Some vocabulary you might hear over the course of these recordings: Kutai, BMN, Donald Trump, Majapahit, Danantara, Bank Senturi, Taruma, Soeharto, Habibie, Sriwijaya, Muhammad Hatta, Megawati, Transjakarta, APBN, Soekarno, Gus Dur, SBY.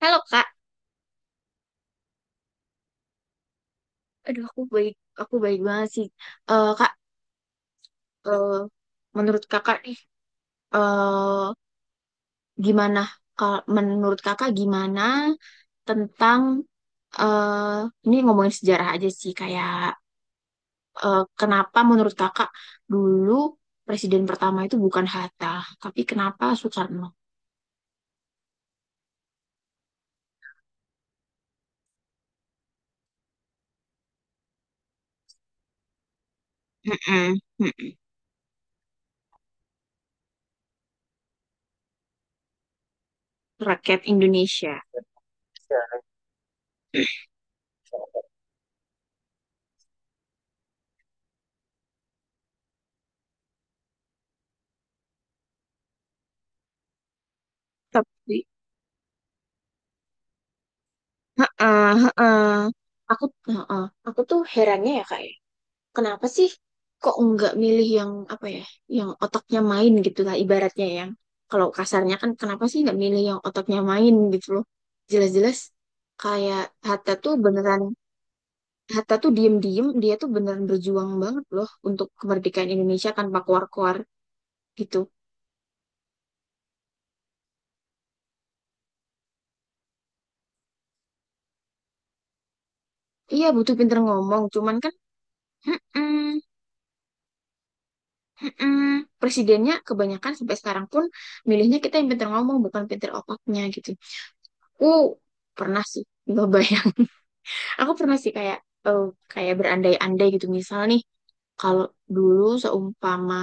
Halo Kak, aduh aku baik banget sih. Eh kak, eh, menurut Kakak nih, eh gimana? Menurut Kakak gimana tentang eh ini ngomongin sejarah aja sih, kayak kenapa menurut Kakak dulu presiden pertama itu bukan Hatta, tapi kenapa Soekarno? Mm-mm, mm-mm. Rakyat Indonesia. Tapi, heeh, heeh. Aku, heeh, aku tuh herannya, ya Kak. Ya, kenapa sih kok nggak milih yang apa ya, yang otaknya main gitu lah ibaratnya, yang kalau kasarnya kan kenapa sih nggak milih yang otaknya main gitu loh. Jelas-jelas kayak Hatta tuh beneran, Hatta tuh diem-diem dia tuh beneran berjuang banget loh untuk kemerdekaan Indonesia tanpa keluar-keluar gitu. Iya butuh pinter ngomong, cuman kan mm-mm, mm-mm. Presidennya kebanyakan sampai sekarang pun milihnya kita yang pinter ngomong bukan pinter otaknya gitu. Aku pernah sih nyobain. Aku pernah sih kayak eh, kayak berandai-andai gitu. Misal nih, kalau dulu seumpama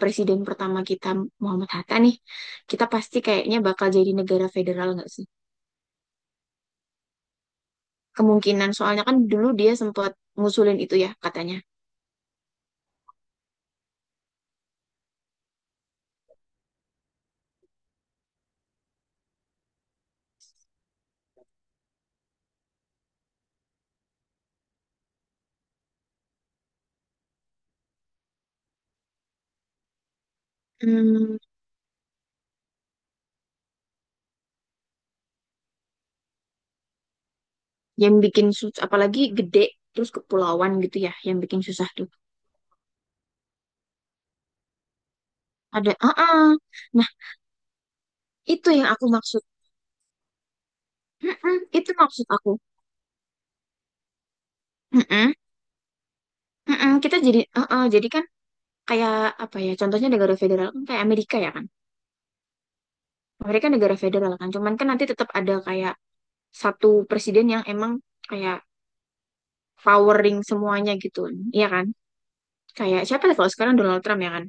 presiden pertama kita Muhammad Hatta nih, kita pasti kayaknya bakal jadi negara federal nggak sih? Kemungkinan, soalnya kan dulu dia sempat ngusulin itu ya katanya. Hmm, yang bikin susah, apalagi gede terus kepulauan gitu ya, yang bikin susah tuh. Ada, ah, ah. Nah itu yang aku maksud. Mm-mm, itu maksud aku. Mm-mm, mm-mm. Kita jadi, ah, ah. Jadi kan kayak apa ya, contohnya negara federal kan kayak Amerika, ya kan? Amerika negara federal kan, cuman kan nanti tetap ada kayak satu presiden yang emang kayak powering semuanya gitu, iya kan? Kayak siapa ya kalau sekarang Donald Trump, ya kan?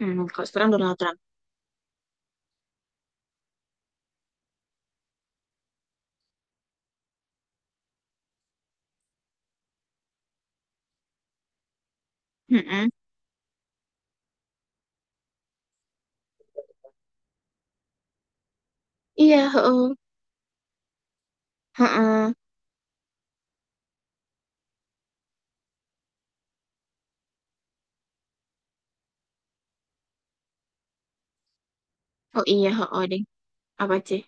Hmm, kalau sekarang Donald Trump. Mm-mm. Iya heeh. Heeh. Oh iya, heeh deh. Apa sih?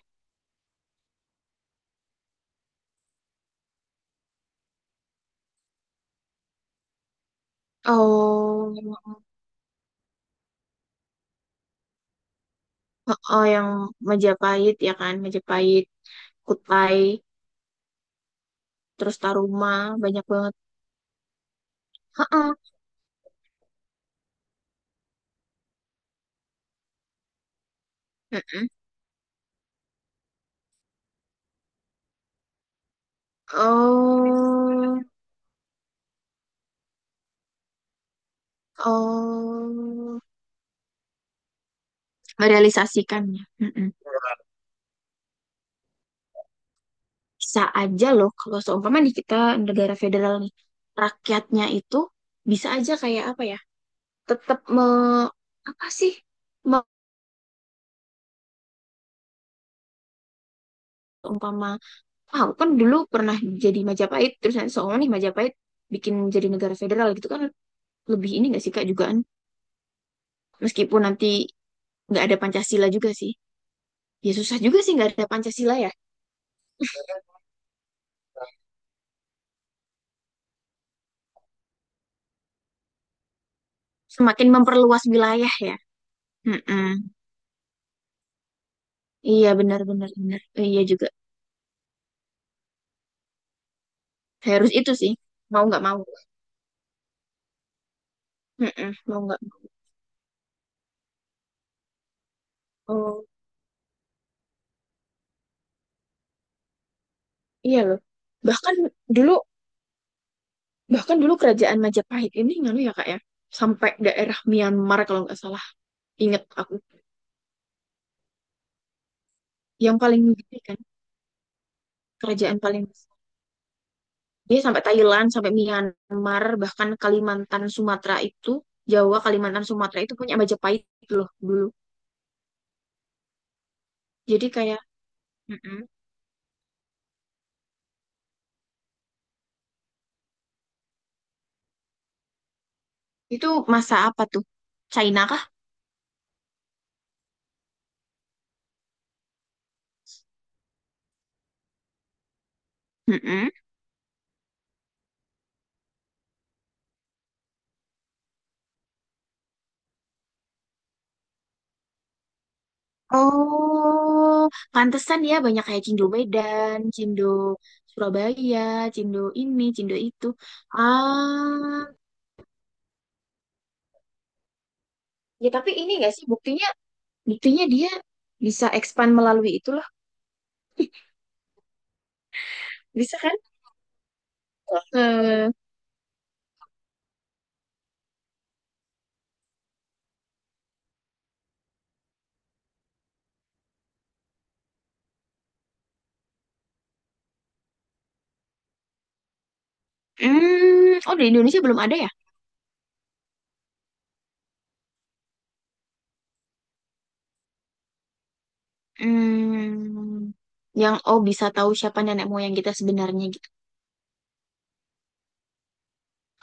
Oh, heeh, yang Majapahit ya kan, Majapahit, Kutai, terus Taruma, banyak banget. Heeh, heeh. Oh, oh, merealisasikannya. Mm-mm. Bisa aja loh kalau seumpama di kita negara federal nih, rakyatnya itu bisa aja kayak apa ya, tetap me, apa sih, me, umpama, ah, aku kan dulu pernah jadi Majapahit, terus nanti seumpama nih Majapahit bikin jadi negara federal gitu kan, lebih ini gak sih Kak jugaan, meskipun nanti nggak ada Pancasila juga sih. Ya susah juga sih nggak ada Pancasila ya, semakin memperluas wilayah ya. Mm-mm. Iya benar-benar benar benar benar. Iya juga. Harus itu sih. Mau nggak mau. Mm-mm, mau nggak mau. Oh, iya loh. Bahkan dulu, bahkan dulu kerajaan Majapahit ini nganu ya Kak ya. Sampai daerah Myanmar kalau nggak salah. Ingat aku. Yang paling gede kan kerajaan paling besar. Dia sampai Thailand, sampai Myanmar, bahkan Kalimantan, Sumatera itu, Jawa, Kalimantan, Sumatera itu punya Majapahit loh dulu. Jadi kayak mm-mm. Itu masa apa tuh? China kah? Mm-mm. Oh, pantesan ya banyak kayak Cindo Medan, Cindo Surabaya, Cindo ini, Cindo itu. Ah, ya tapi ini nggak sih buktinya, buktinya dia bisa expand melalui itulah, bisa kan? Eh, hmm, oh di Indonesia belum ada ya? Hmm, yang oh bisa tahu siapa nenek moyang kita sebenarnya gitu.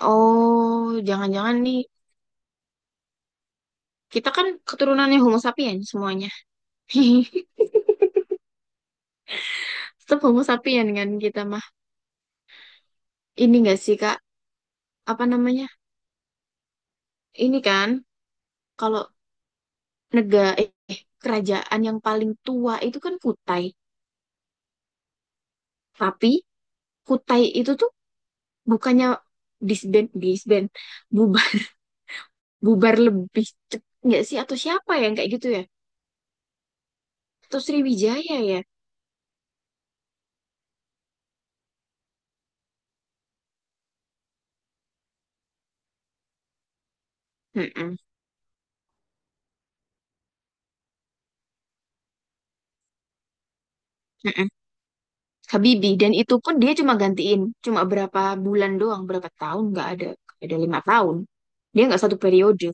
Oh, jangan-jangan nih kita kan keturunannya Homo sapien semuanya. Tetap Homo sapien kan kita mah. Ini nggak sih Kak? Apa namanya, ini kan kalau negara kerajaan yang paling tua itu kan Kutai, tapi Kutai itu tuh bukannya disband, disband, bubar bubar lebih cepat nggak sih, atau siapa ya yang kayak gitu ya, atau Sriwijaya ya? Mm-mm, mm-mm. Habibie, dan itu pun dia cuma gantiin cuma berapa bulan doang, berapa tahun, nggak ada, nggak ada 5 tahun, dia nggak satu periode.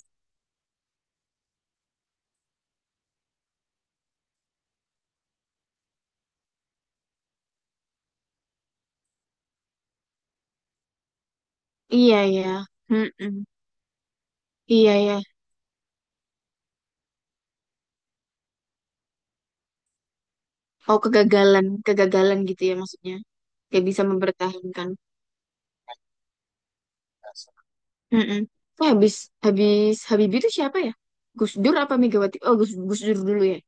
Iya ya. Mm-mm. Iya ya, oh kegagalan, kegagalan gitu ya maksudnya. Gak bisa mempertahankan. Mm-mm. Oh, habis habis Habibie itu siapa ya? Gus Dur apa Megawati? Oh, Gus Dur dulu ya.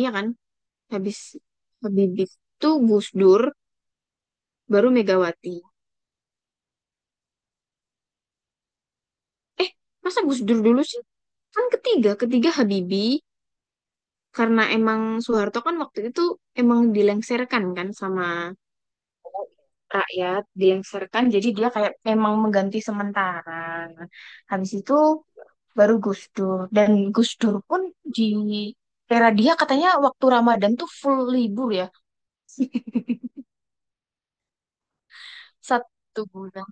Iya kan? Habis Habibie itu Gus Dur, baru Megawati. Eh, masa Gus Dur dulu sih? Kan ketiga Habibie, karena emang Soeharto kan waktu itu emang dilengserkan kan sama rakyat, dilengsarkan jadi dia kayak memang mengganti sementara. Habis itu baru Gus Dur, dan Gus Dur pun di era dia katanya waktu Ramadan tuh full libur ya. Satu bulan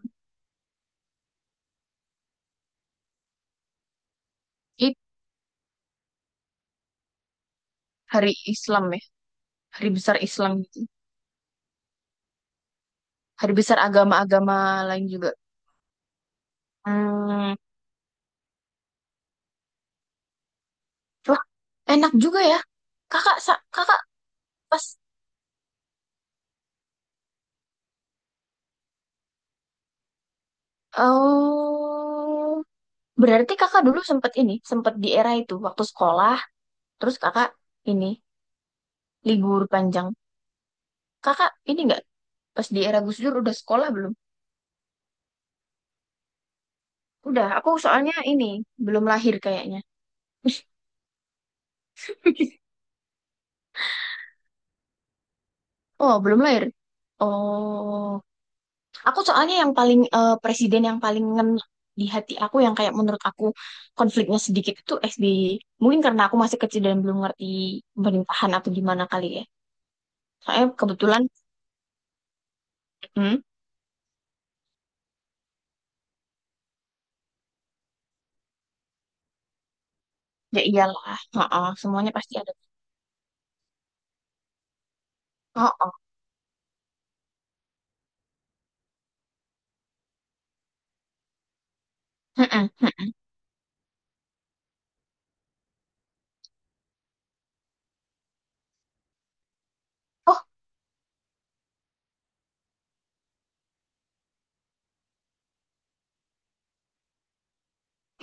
itu hari Islam ya, hari besar Islam gitu, hari besar agama-agama lain juga. Hmm, wah enak juga ya kakak kakak pas. Oh, berarti kakak dulu sempat ini, sempat di era itu waktu sekolah. Terus kakak ini libur panjang. Kakak ini nggak pas di era Gus Dur udah sekolah belum? Udah, aku soalnya ini belum lahir kayaknya. Oh, belum lahir. Oh, aku soalnya yang paling presiden yang paling ngena di hati aku yang kayak menurut aku konfliknya sedikit itu SBY. Mungkin karena aku masih kecil dan belum ngerti pemerintahan atau gimana kali ya. Soalnya kebetulan, hmm, ya iyalah, oh, semuanya pasti ada. Oh, oh, mm-mm, mm-mm. Oh,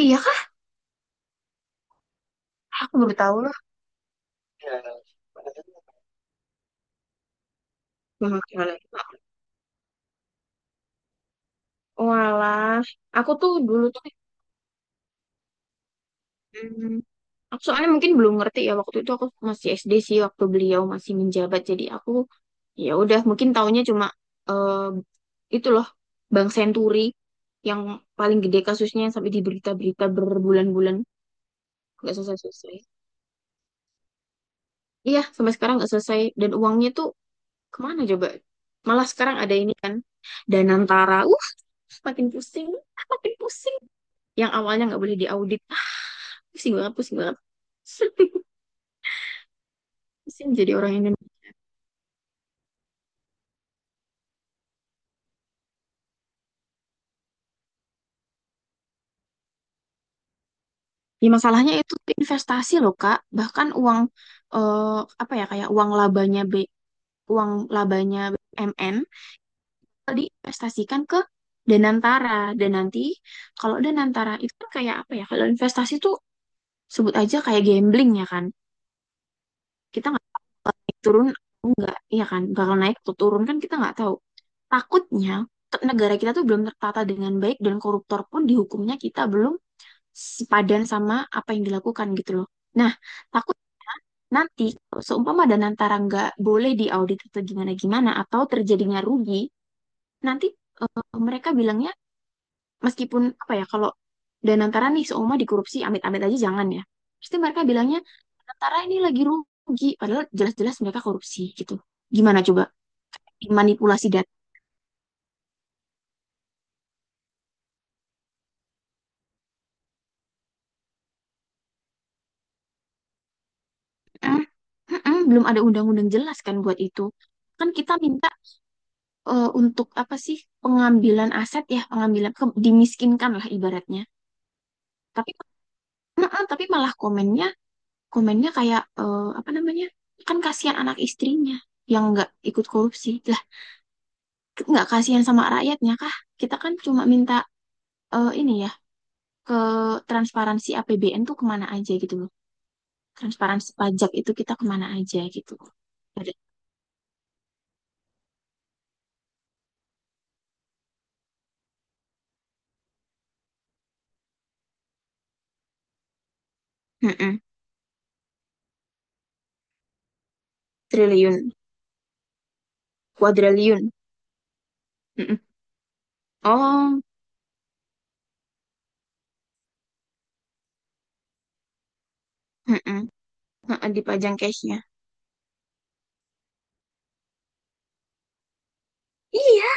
iya kah? Aku baru tahu. Ya. Banget soalnya. Walah, aku tuh dulu tuh, hmm, aku soalnya mungkin belum ngerti ya waktu itu aku masih SD sih waktu beliau masih menjabat. Jadi aku ya udah mungkin taunya cuma eh, itu loh Bank Senturi yang paling gede kasusnya yang sampai di berita-berita berbulan-bulan, nggak selesai-selesai. Iya, sampai sekarang nggak selesai dan uangnya tuh kemana coba? Malah sekarang ada ini kan Danantara. Makin pusing, makin pusing. Yang awalnya nggak boleh diaudit, ah, pusing banget, pusing banget. Pusing jadi orang Indonesia. Ya, masalahnya itu investasi loh kak, bahkan uang eh, apa ya, kayak uang labanya uang labanya BMN diinvestasikan ke Danantara, dan nanti kalau Danantara itu kan kayak apa ya, kalau investasi tuh sebut aja kayak gambling, ya kan? Kita nggak tahu bakal naik turun atau enggak, iya kan, bakal naik atau turun kan kita nggak tahu. Takutnya negara kita tuh belum tertata dengan baik dan koruptor pun dihukumnya kita belum sepadan sama apa yang dilakukan gitu loh. Nah takutnya nanti kalau seumpama dan antara nggak boleh diaudit atau gimana gimana atau terjadinya rugi, nanti eh, mereka bilangnya, meskipun apa ya kalau dan antara nih seumur dikorupsi, amit-amit aja jangan ya, pasti mereka bilangnya antara ini lagi rugi padahal jelas-jelas mereka korupsi gitu, gimana coba, manipulasi data. Mm, mm-mm, belum ada undang-undang jelas kan buat itu. Kan kita minta untuk apa sih pengambilan aset ya, pengambilan dimiskinkan lah ibaratnya. Tapi mm-mm, tapi malah komennya, komennya kayak apa namanya, kan kasihan anak istrinya yang nggak ikut korupsi. Nggak kasihan sama rakyatnya kah? Kita kan cuma minta ini ya, ke transparansi APBN tuh kemana aja gitu loh. Transparansi pajak itu kita kemana aja gitu. Ada. Mm-mm. Triliun, kuadriliun. Mm-mm. Oh, mm-mm. Mm-mm, dipajang cashnya. Iya,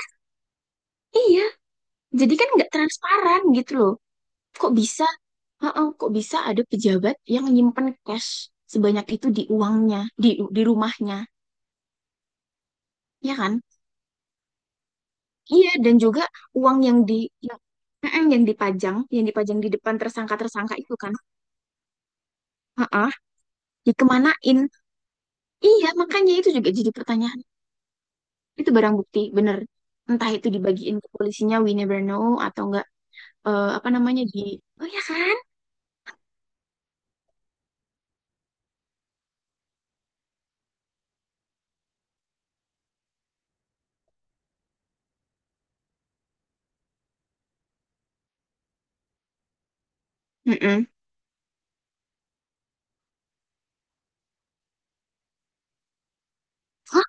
iya. Jadi kan nggak transparan gitu loh. Kok bisa? Heeh, kok bisa ada pejabat yang nyimpen cash sebanyak itu di uangnya, di rumahnya, ya kan? Iya, dan juga uang yang di yang, mm-mm, yang dipajang di depan tersangka-tersangka itu kan, heeh, dikemanain? Iya, makanya itu juga jadi pertanyaan. Itu barang bukti, bener. Entah itu dibagiin ke polisinya, we never know, atau enggak apa namanya di, oh ya kan? Mm-mm. Hah?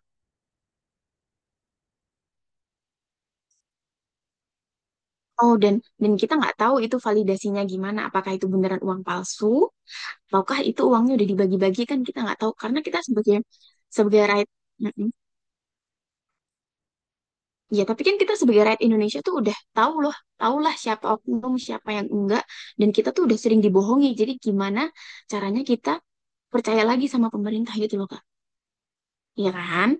Oh, dan kita nggak tahu itu validasinya gimana, apakah itu beneran uang palsu, ataukah itu uangnya udah dibagi-bagi kan kita nggak tahu, karena kita sebagai sebagai right, iya, tapi kan kita sebagai rakyat Indonesia tuh udah tahu loh, tahulah siapa oknum, siapa yang enggak, dan kita tuh udah sering dibohongi. Jadi gimana caranya kita percaya lagi sama pemerintah gitu loh, Kak? Iya kan?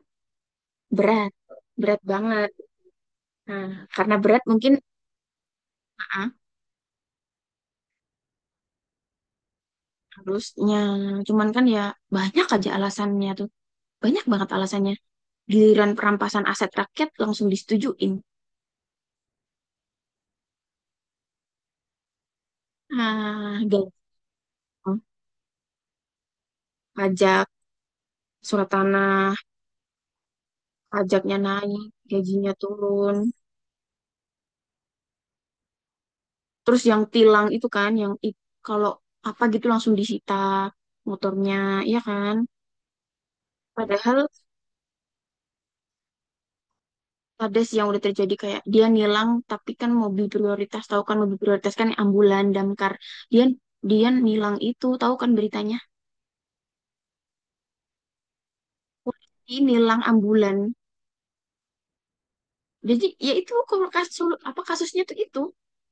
Berat, berat banget. Nah, karena berat mungkin ah, harusnya, cuman kan ya banyak aja alasannya tuh, banyak banget alasannya. Giliran perampasan aset rakyat langsung disetujuin. Ah, gampang. Pajak, surat tanah, pajaknya naik, gajinya turun. Terus yang tilang itu kan, yang kalau apa gitu langsung disita motornya, ya kan? Padahal ada sih yang udah terjadi kayak dia nilang, tapi kan mobil prioritas, tahu kan mobil prioritas kan ambulan, damkar. Dia dia nilang itu, tahu kan beritanya? Polisi nilang ambulan. Jadi ya itu kok kasus apa kasusnya tuh itu,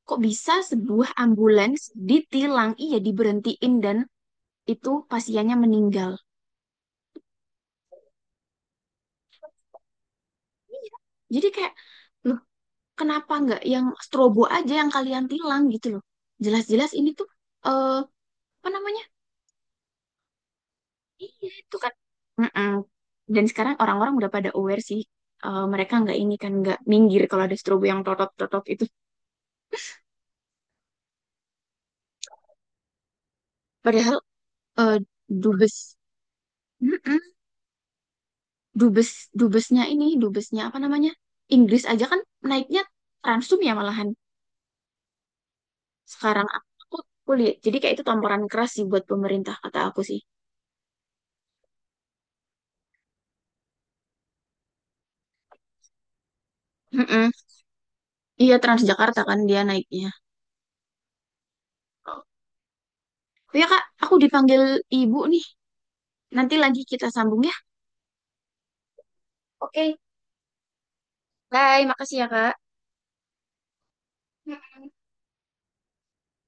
kok bisa sebuah ambulans ditilang, iya diberhentiin, dan itu pasiennya meninggal. Iya. Jadi kayak loh kenapa nggak yang strobo aja yang kalian tilang gitu loh. Jelas-jelas ini tuh eh apa namanya? Iya, itu kan. Mm-mm. Dan sekarang orang-orang udah pada aware sih. Mereka nggak ini kan nggak minggir kalau ada strobo yang totot-totot itu. Padahal eh, dubes, mm-mm, dubes, dubesnya ini, dubesnya apa namanya? Inggris aja kan naiknya Transum ya malahan. Sekarang aku kuliah. Jadi kayak itu tamparan keras sih buat pemerintah kata aku sih. Mm-mm. Iya Transjakarta kan dia naiknya. Oh ya Kak, aku dipanggil ibu nih. Nanti lagi kita sambung ya. Bye.